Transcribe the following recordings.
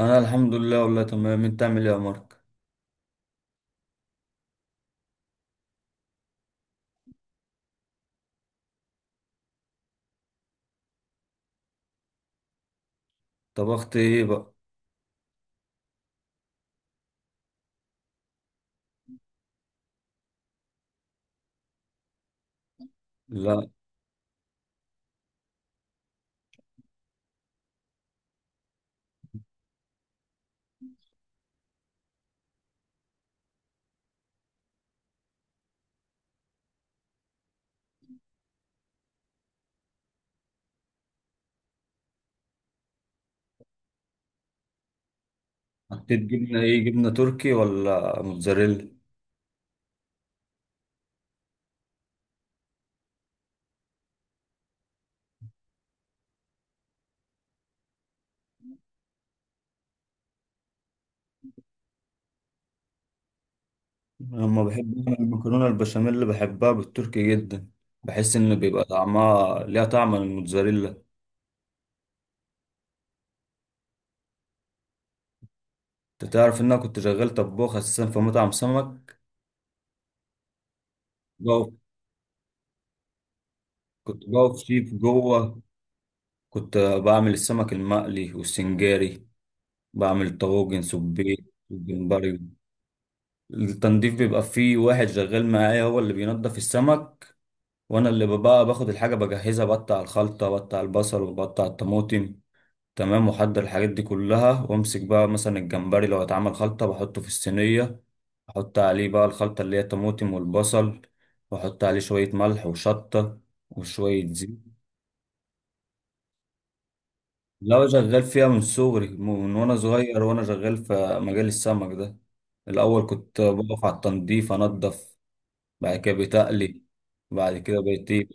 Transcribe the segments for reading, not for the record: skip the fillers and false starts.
انا الحمد لله، والله تمام. انت عامل ايه يا مارك؟ طبخت ايه بقى؟ لا. حطيت جبنه ايه، جبنه تركي ولا موتزاريلا؟ أنا لما بحب أعمل المكرونه البشاميل، اللي بحبها بالتركي جدا. بحس ان بيبقى طعمها، ليها طعم من الموتزاريلا. انت تعرف ان انا كنت شغال طباخ اساسا في مطعم سمك. بقف. كنت بقف شيف جوه. كنت بعمل السمك المقلي والسنجاري. بعمل طواجن سبيط. الجمبري. التنظيف بيبقى فيه واحد شغال معايا، هو اللي بينضف السمك. وانا اللي بقى باخد الحاجه بجهزها، بقطع الخلطه، بقطع البصل، وبقطع الطماطم. تمام، واحضر الحاجات دي كلها، وامسك بقى مثلا الجمبري، لو هيتعمل خلطه بحطه في الصينيه. احط عليه بقى الخلطه اللي هي الطماطم والبصل. واحط عليه شويه ملح وشطه. وشويه زيت. لو شغال فيها من صغري من وانا صغير، وانا شغال في مجال السمك ده. الاول كنت بقف على التنظيف، انضف. بعد كده بتقلي. بعد كده بقيت إيه؟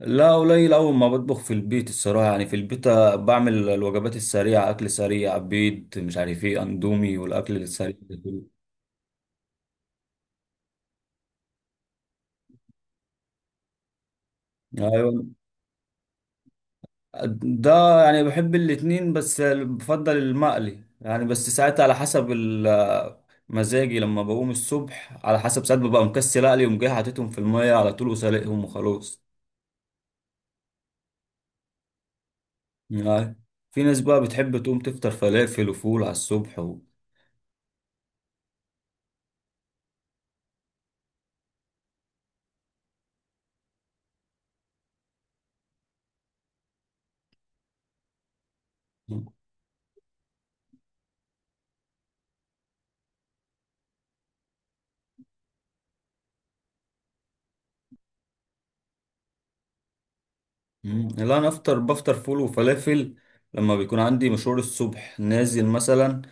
لا، قليل أول ما بطبخ في البيت الصراحة، يعني في البيت بعمل الوجبات السريعة، أكل سريع، بيض، مش عارف إيه، أندومي، والأكل السريع ده كله. أيوة. ده يعني بحب الاتنين، بس بفضل المقلي يعني. بس ساعات على حسب مزاجي، لما بقوم الصبح، على حسب ساعات ببقى مكسل أقلي، وقوم جاي حاططهم في المية على طول وسلقهم وخلاص. يعني في ناس بقى بتحب تقوم تفطر فلافل وفول على الصبح مم، لا، انا بفطر فول وفلافل لما بيكون عندي مشوار الصبح نازل مثلا.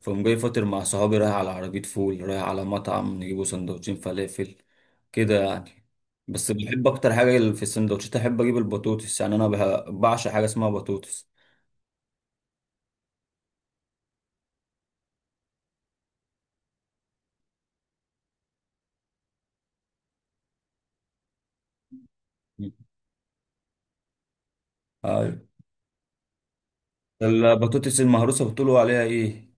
فقوم جاي فاطر مع صحابي، رايح على عربية فول، رايح على مطعم نجيبه سندوتشين فلافل كده يعني. بس بحب اكتر حاجة في السندوتشات احب اجيب البطوطس، يعني انا بعشق حاجة اسمها بطوطس. مم. ايوه. البطوطس المهروسة بتقولوا عليها ايه؟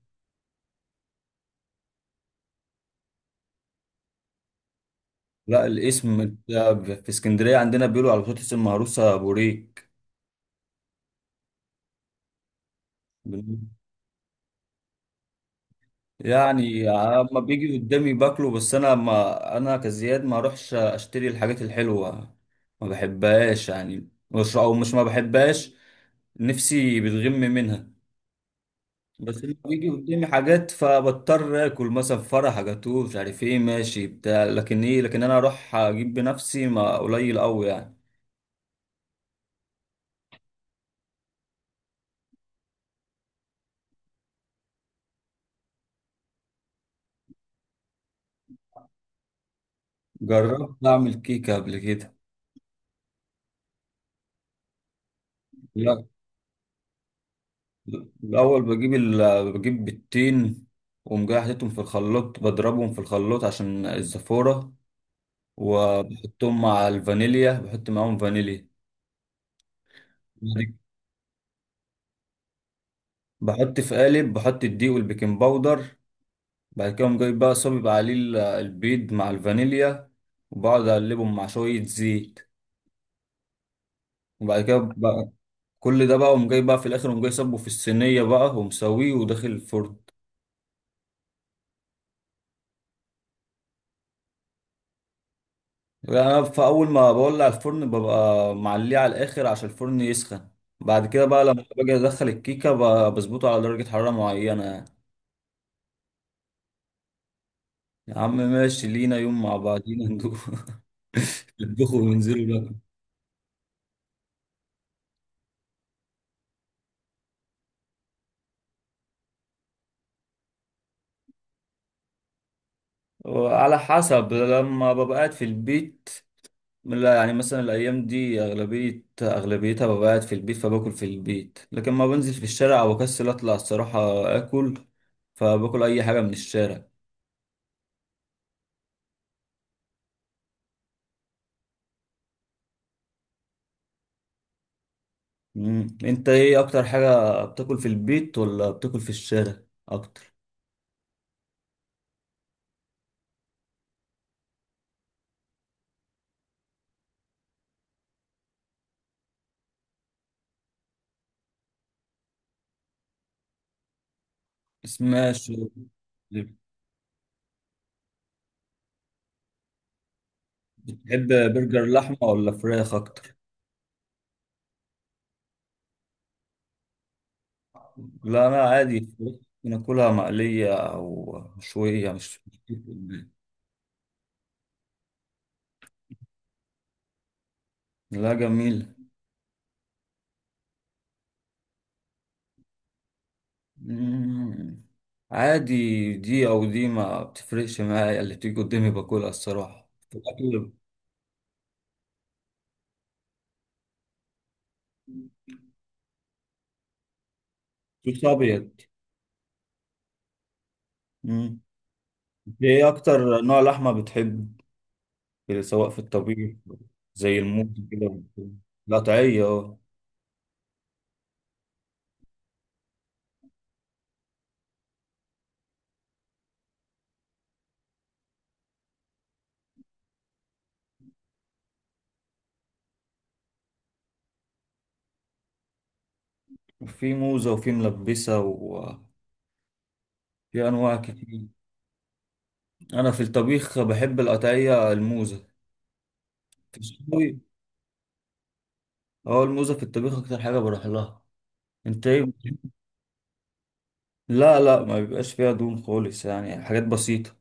لا، الاسم في اسكندرية عندنا بيقولوا على البطوطس المهروسة بوريك. يعني اما بيجي قدامي باكله، بس انا ما انا كزياد ما اروحش اشتري الحاجات الحلوه. ما بحبهاش يعني، مش ما بحبهاش. نفسي بتغم منها. بس لما بيجي قدامي حاجات فبضطر اكل، مثلا فرح، جاتوه، مش عارف ايه، ماشي بتاع، لكن انا اروح اجيب بنفسي، ما قليل قوي يعني. جربت اعمل كيكه قبل كده. الأول بجيب بجيب بيضتين. وأقوم جاي حاططهم في الخلاط، بضربهم في الخلاط عشان الزفورة. وبحطهم مع الفانيليا، بحط معاهم فانيليا. بحط في قالب، بحط الدقيق والبيكنج باودر. بعد كده أقوم جايب بقى، صابب عليه البيض مع الفانيليا. وبقعد أقلبهم مع شوية زيت. وبعد كده بقى كل ده بقى، أقوم جاي بقى في الآخر، أقوم جاي صبه في الصينية بقى ومسويه وداخل الفرن. يعني انا في اول ما بولع الفرن ببقى معليه على الاخر عشان الفرن يسخن. بعد كده بقى لما باجي ادخل الكيكه بظبطه على درجه حراره معينه يعني. يا عم ماشي لينا يوم مع بعضينا ندوخ. نطبخوا وننزلوا بقى. وعلى حسب لما ببقى قاعد في البيت. لا، يعني مثلا الايام دي اغلبيتها ببقى قاعد في البيت، فباكل في البيت. لكن ما بنزل في الشارع، او اكسل اطلع الصراحه اكل، فباكل اي حاجه من الشارع. مم. انت ايه اكتر حاجة بتاكل، في البيت ولا بتاكل في الشارع اكتر؟ سماش. بتحب برجر لحمة ولا فراخ اكتر؟ لا، انا عادي فراخ. بناكلها مقلية او مشوية، مش... لا، جميل. مم. عادي، دي او دي ما بتفرقش معايا، اللي بتيجي قدامي باكلها الصراحة في الاكل. صوص ابيض. مم. ايه اكتر نوع لحمة بتحب، كده، سواء في الطبيخ؟ زي الموز كده. القطعية، اه. في موزة، وفي ملبسة، وفي أنواع كتير. أنا في الطبيخ بحب القطعية الموزة. في الشوي، اه الموزة في الطبيخ أكتر حاجة بروح لها. أنت إيه بتحب؟ لا لا، ما بيبقاش فيها دهون خالص، يعني حاجات بسيطة.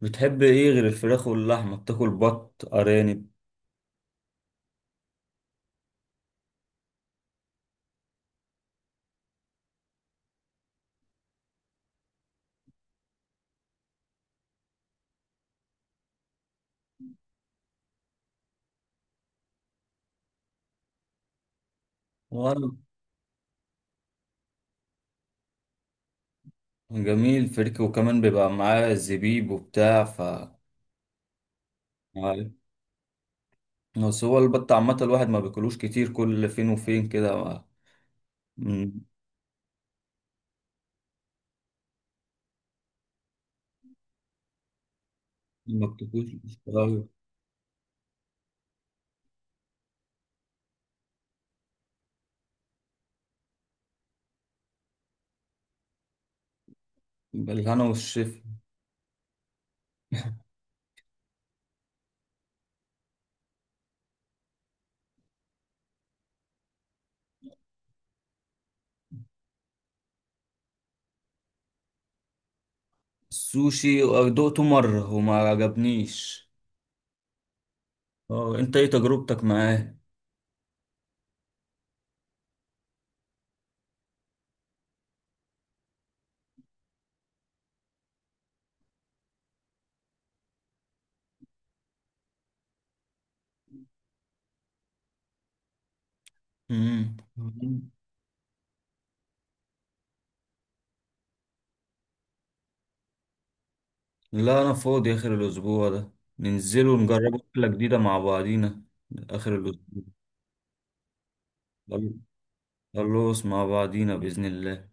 بتحب إيه غير الفراخ واللحمة؟ بتاكل بط، أرانب؟ وأنا. جميل. فريك وكمان بيبقى معاه زبيب وبتاع بس هو البط عامة الواحد ما بياكلوش كتير، كل فين وفين كده. م- ما بتاكلوش. أيوة. بالهنا والشفا. السوشي؟ دقته مرة وما عجبنيش. اه، انت ايه تجربتك معاه؟ مم. مم. لا، انا فاضي اخر الاسبوع ده. ننزلوا نجربوا اكلة جديدة مع بعضينا. اخر الاسبوع. خلص مع بعضينا بإذن الله.